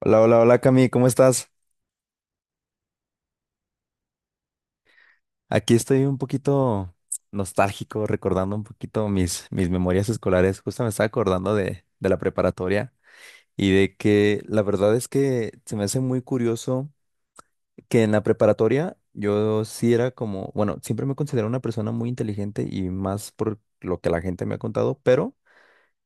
Hola, hola, hola Cami, ¿cómo estás? Aquí estoy un poquito nostálgico, recordando un poquito mis memorias escolares. Justo me estaba acordando de la preparatoria, y de que la verdad es que se me hace muy curioso que en la preparatoria yo sí era como, bueno, siempre me considero una persona muy inteligente y más por lo que la gente me ha contado, pero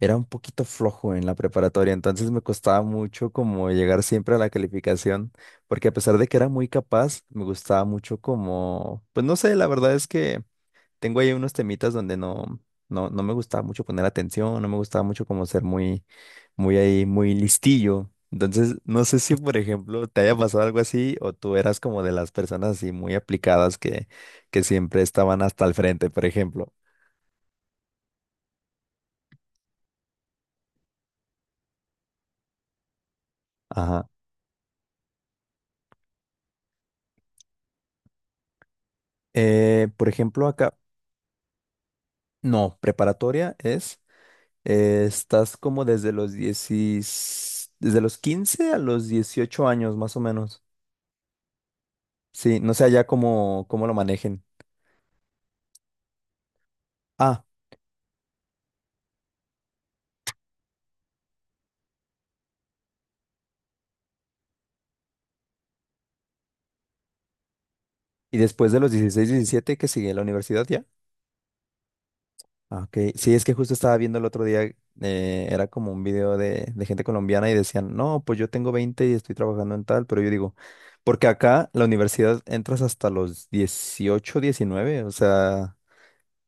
era un poquito flojo en la preparatoria, entonces me costaba mucho como llegar siempre a la calificación, porque a pesar de que era muy capaz, me gustaba mucho como, pues no sé, la verdad es que tengo ahí unos temitas donde no, no, no me gustaba mucho poner atención, no me gustaba mucho como ser muy, muy ahí, muy listillo. Entonces, no sé si, por ejemplo, te haya pasado algo así o tú eras como de las personas así muy aplicadas que siempre estaban hasta el frente, por ejemplo. Ajá. Por ejemplo, acá, no, preparatoria es, estás como desde los 15 a los 18 años, más o menos. Sí, no sé allá cómo lo manejen. Ah, y después de los 16, 17, que sigue la universidad ya. Ah, ok. Sí, es que justo estaba viendo el otro día, era como un video de gente colombiana y decían, no, pues yo tengo 20 y estoy trabajando en tal, pero yo digo, porque acá la universidad entras hasta los 18, 19, o sea,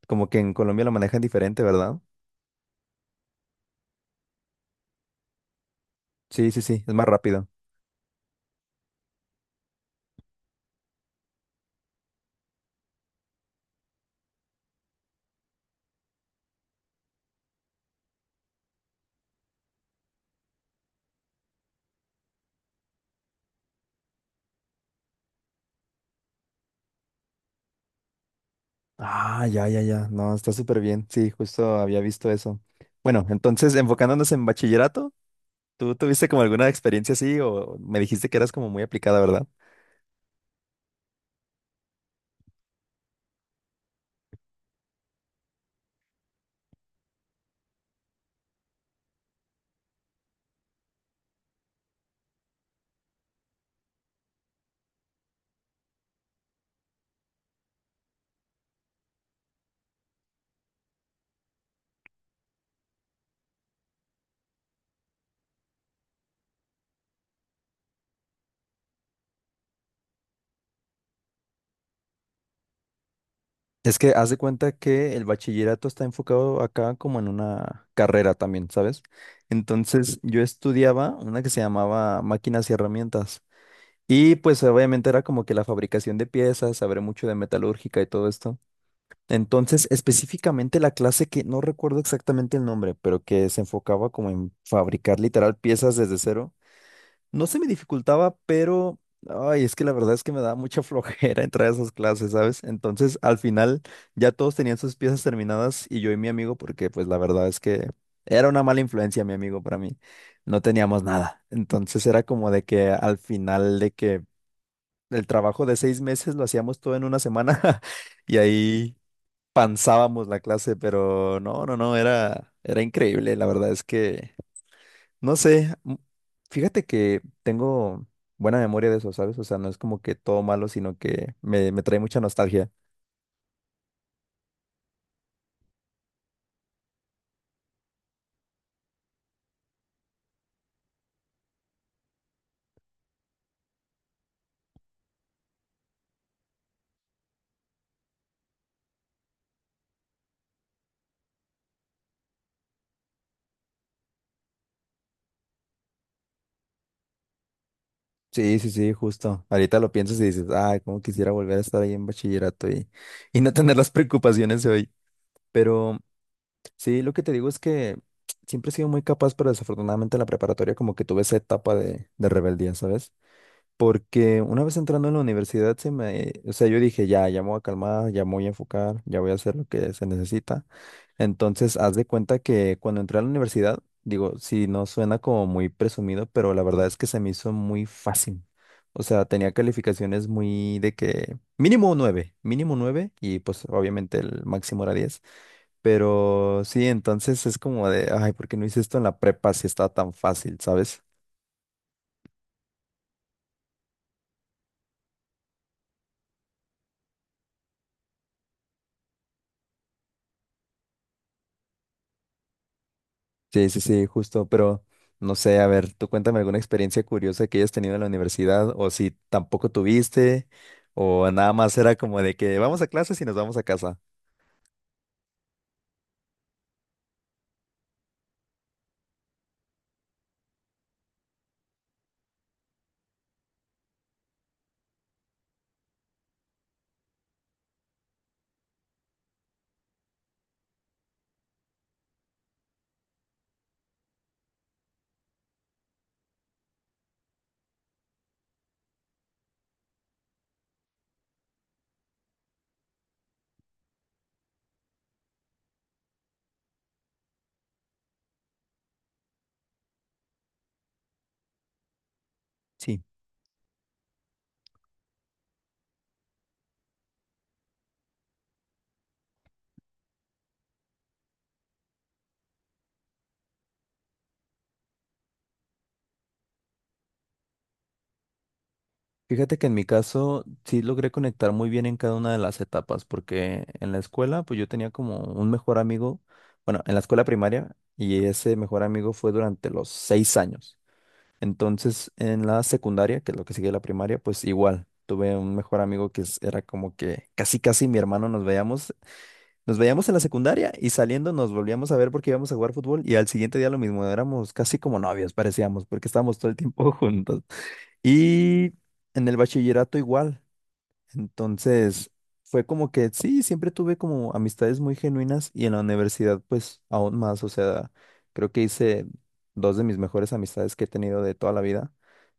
como que en Colombia lo manejan diferente, ¿verdad? Sí, sí, sí, es más rápido. Ah, ya, ya, ya. No, está súper bien. Sí, justo había visto eso. Bueno, entonces, enfocándonos en bachillerato, ¿tú tuviste como alguna experiencia así o me dijiste que eras como muy aplicada? ¿Verdad? Es que haz de cuenta que el bachillerato está enfocado acá como en una carrera también, ¿sabes? Entonces, yo estudiaba una que se llamaba máquinas y herramientas. Y pues obviamente era como que la fabricación de piezas, saber mucho de metalúrgica y todo esto. Entonces, específicamente la clase que no recuerdo exactamente el nombre, pero que se enfocaba como en fabricar literal piezas desde cero, no se me dificultaba, pero ay, es que la verdad es que me daba mucha flojera entrar a esas clases, ¿sabes? Entonces, al final ya todos tenían sus piezas terminadas y yo y mi amigo, porque pues la verdad es que era una mala influencia mi amigo para mí, no teníamos nada. Entonces era como de que al final de que el trabajo de 6 meses lo hacíamos todo en una semana. Y ahí pansábamos la clase, pero no, no, no, era increíble. La verdad es que, no sé, fíjate que tengo buena memoria de eso, ¿sabes? O sea, no es como que todo malo, sino que me trae mucha nostalgia. Sí, sí, sí, justo. Ahorita lo piensas y dices, ay, cómo quisiera volver a estar ahí en bachillerato, y no tener las preocupaciones de hoy. Pero sí, lo que te digo es que siempre he sido muy capaz, pero desafortunadamente en la preparatoria como que tuve esa etapa de rebeldía, ¿sabes? Porque una vez entrando en la universidad, se me, o sea, yo dije, ya, ya me voy a calmar, ya me voy a enfocar, ya voy a hacer lo que se necesita. Entonces, haz de cuenta que cuando entré a la universidad, digo, sí, no suena como muy presumido, pero la verdad es que se me hizo muy fácil. O sea, tenía calificaciones muy de que mínimo 9, mínimo 9 y pues obviamente el máximo era 10. Pero sí, entonces es como de, ay, ¿por qué no hice esto en la prepa si estaba tan fácil? ¿Sabes? Sí, sí, sí, justo, pero no sé, a ver, tú cuéntame alguna experiencia curiosa que hayas tenido en la universidad o si tampoco tuviste o nada más era como de que vamos a clases y nos vamos a casa. Sí, fíjate que en mi caso sí logré conectar muy bien en cada una de las etapas porque en la escuela pues yo tenía como un mejor amigo, bueno, en la escuela primaria y ese mejor amigo fue durante los 6 años. Entonces, en la secundaria, que es lo que sigue la primaria, pues igual, tuve un mejor amigo que era como que casi casi mi hermano. Nos veíamos en la secundaria y saliendo nos volvíamos a ver porque íbamos a jugar fútbol y al siguiente día lo mismo, éramos casi como novios, parecíamos, porque estábamos todo el tiempo juntos. Y en el bachillerato igual. Entonces, fue como que sí, siempre tuve como amistades muy genuinas y en la universidad pues aún más, o sea, creo que hice dos de mis mejores amistades que he tenido de toda la vida.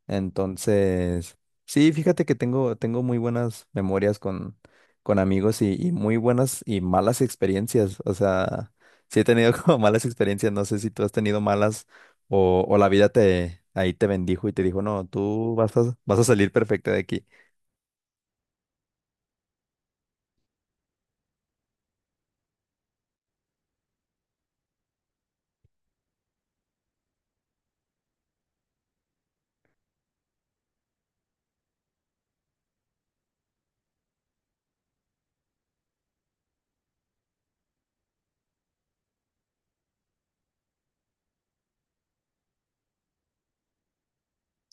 Entonces, sí, fíjate que tengo muy buenas memorias con amigos y muy buenas y malas experiencias. O sea, sí he tenido como malas experiencias, no sé si tú has tenido malas o la vida te ahí te bendijo y te dijo, no, tú vas a salir perfecta de aquí.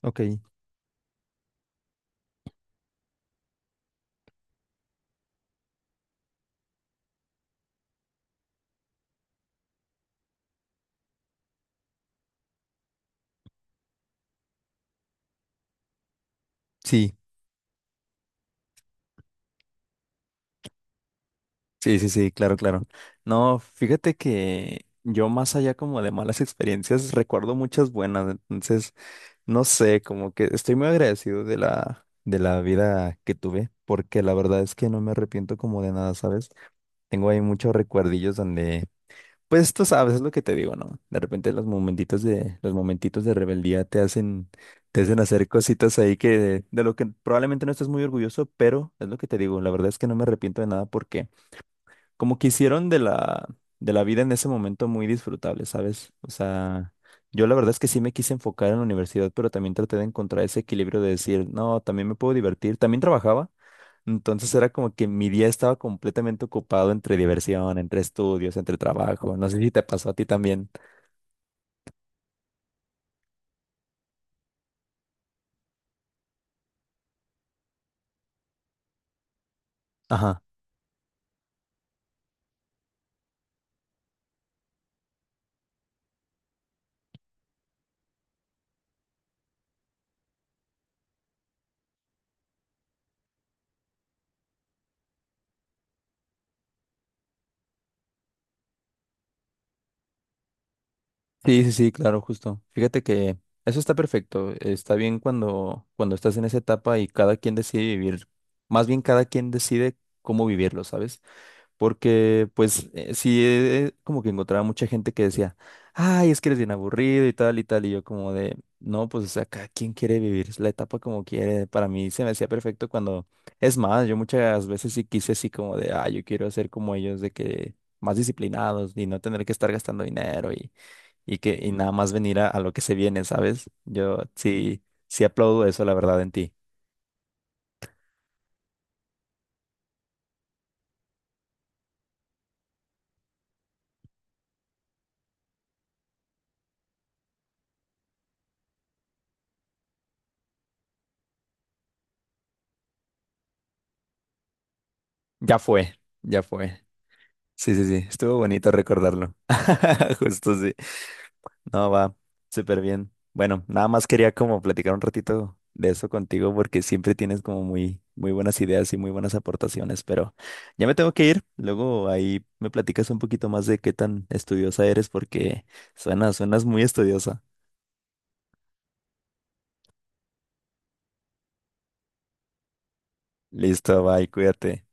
Ok, sí. Sí, sí, sí, claro, claro. No, fíjate que yo más allá como de malas experiencias, recuerdo muchas buenas, entonces, no sé, como que estoy muy agradecido de la vida que tuve, porque la verdad es que no me arrepiento como de nada, ¿sabes? Tengo ahí muchos recuerdillos donde, pues tú sabes, es lo que te digo, ¿no? De repente los momentitos de rebeldía te hacen hacer cositas ahí lo que probablemente no estés muy orgulloso, pero es lo que te digo, la verdad es que no me arrepiento de nada porque como que hicieron de la vida en ese momento muy disfrutable, ¿sabes? O sea, yo la verdad es que sí me quise enfocar en la universidad, pero también traté de encontrar ese equilibrio de decir, no, también me puedo divertir, también trabajaba, entonces era como que mi día estaba completamente ocupado entre diversión, entre estudios, entre trabajo, no sé si te pasó a ti también. Ajá. Sí, sí, sí, claro, justo. Fíjate que eso está perfecto, está bien cuando estás en esa etapa y cada quien decide vivir, más bien cada quien decide cómo vivirlo, ¿sabes? Porque pues sí, como que encontraba mucha gente que decía, ay, es que eres bien aburrido y tal y tal, y yo como de, no, pues o sea, cada quien quiere vivir la etapa como quiere, para mí se me hacía perfecto cuando, es más, yo muchas veces sí quise así como de, ah, yo quiero ser como ellos, de que más disciplinados y no tener que estar gastando dinero y que y nada más venir a lo que se viene, ¿sabes? Yo sí, sí aplaudo eso, la verdad, en ti. Ya fue, ya fue. Sí, sí, sí, estuvo bonito recordarlo. Justo sí. No, va, súper bien. Bueno, nada más quería como platicar un ratito de eso contigo porque siempre tienes como muy, muy buenas ideas y muy buenas aportaciones, pero ya me tengo que ir. Luego ahí me platicas un poquito más de qué tan estudiosa eres porque suenas muy estudiosa. Listo, bye, cuídate.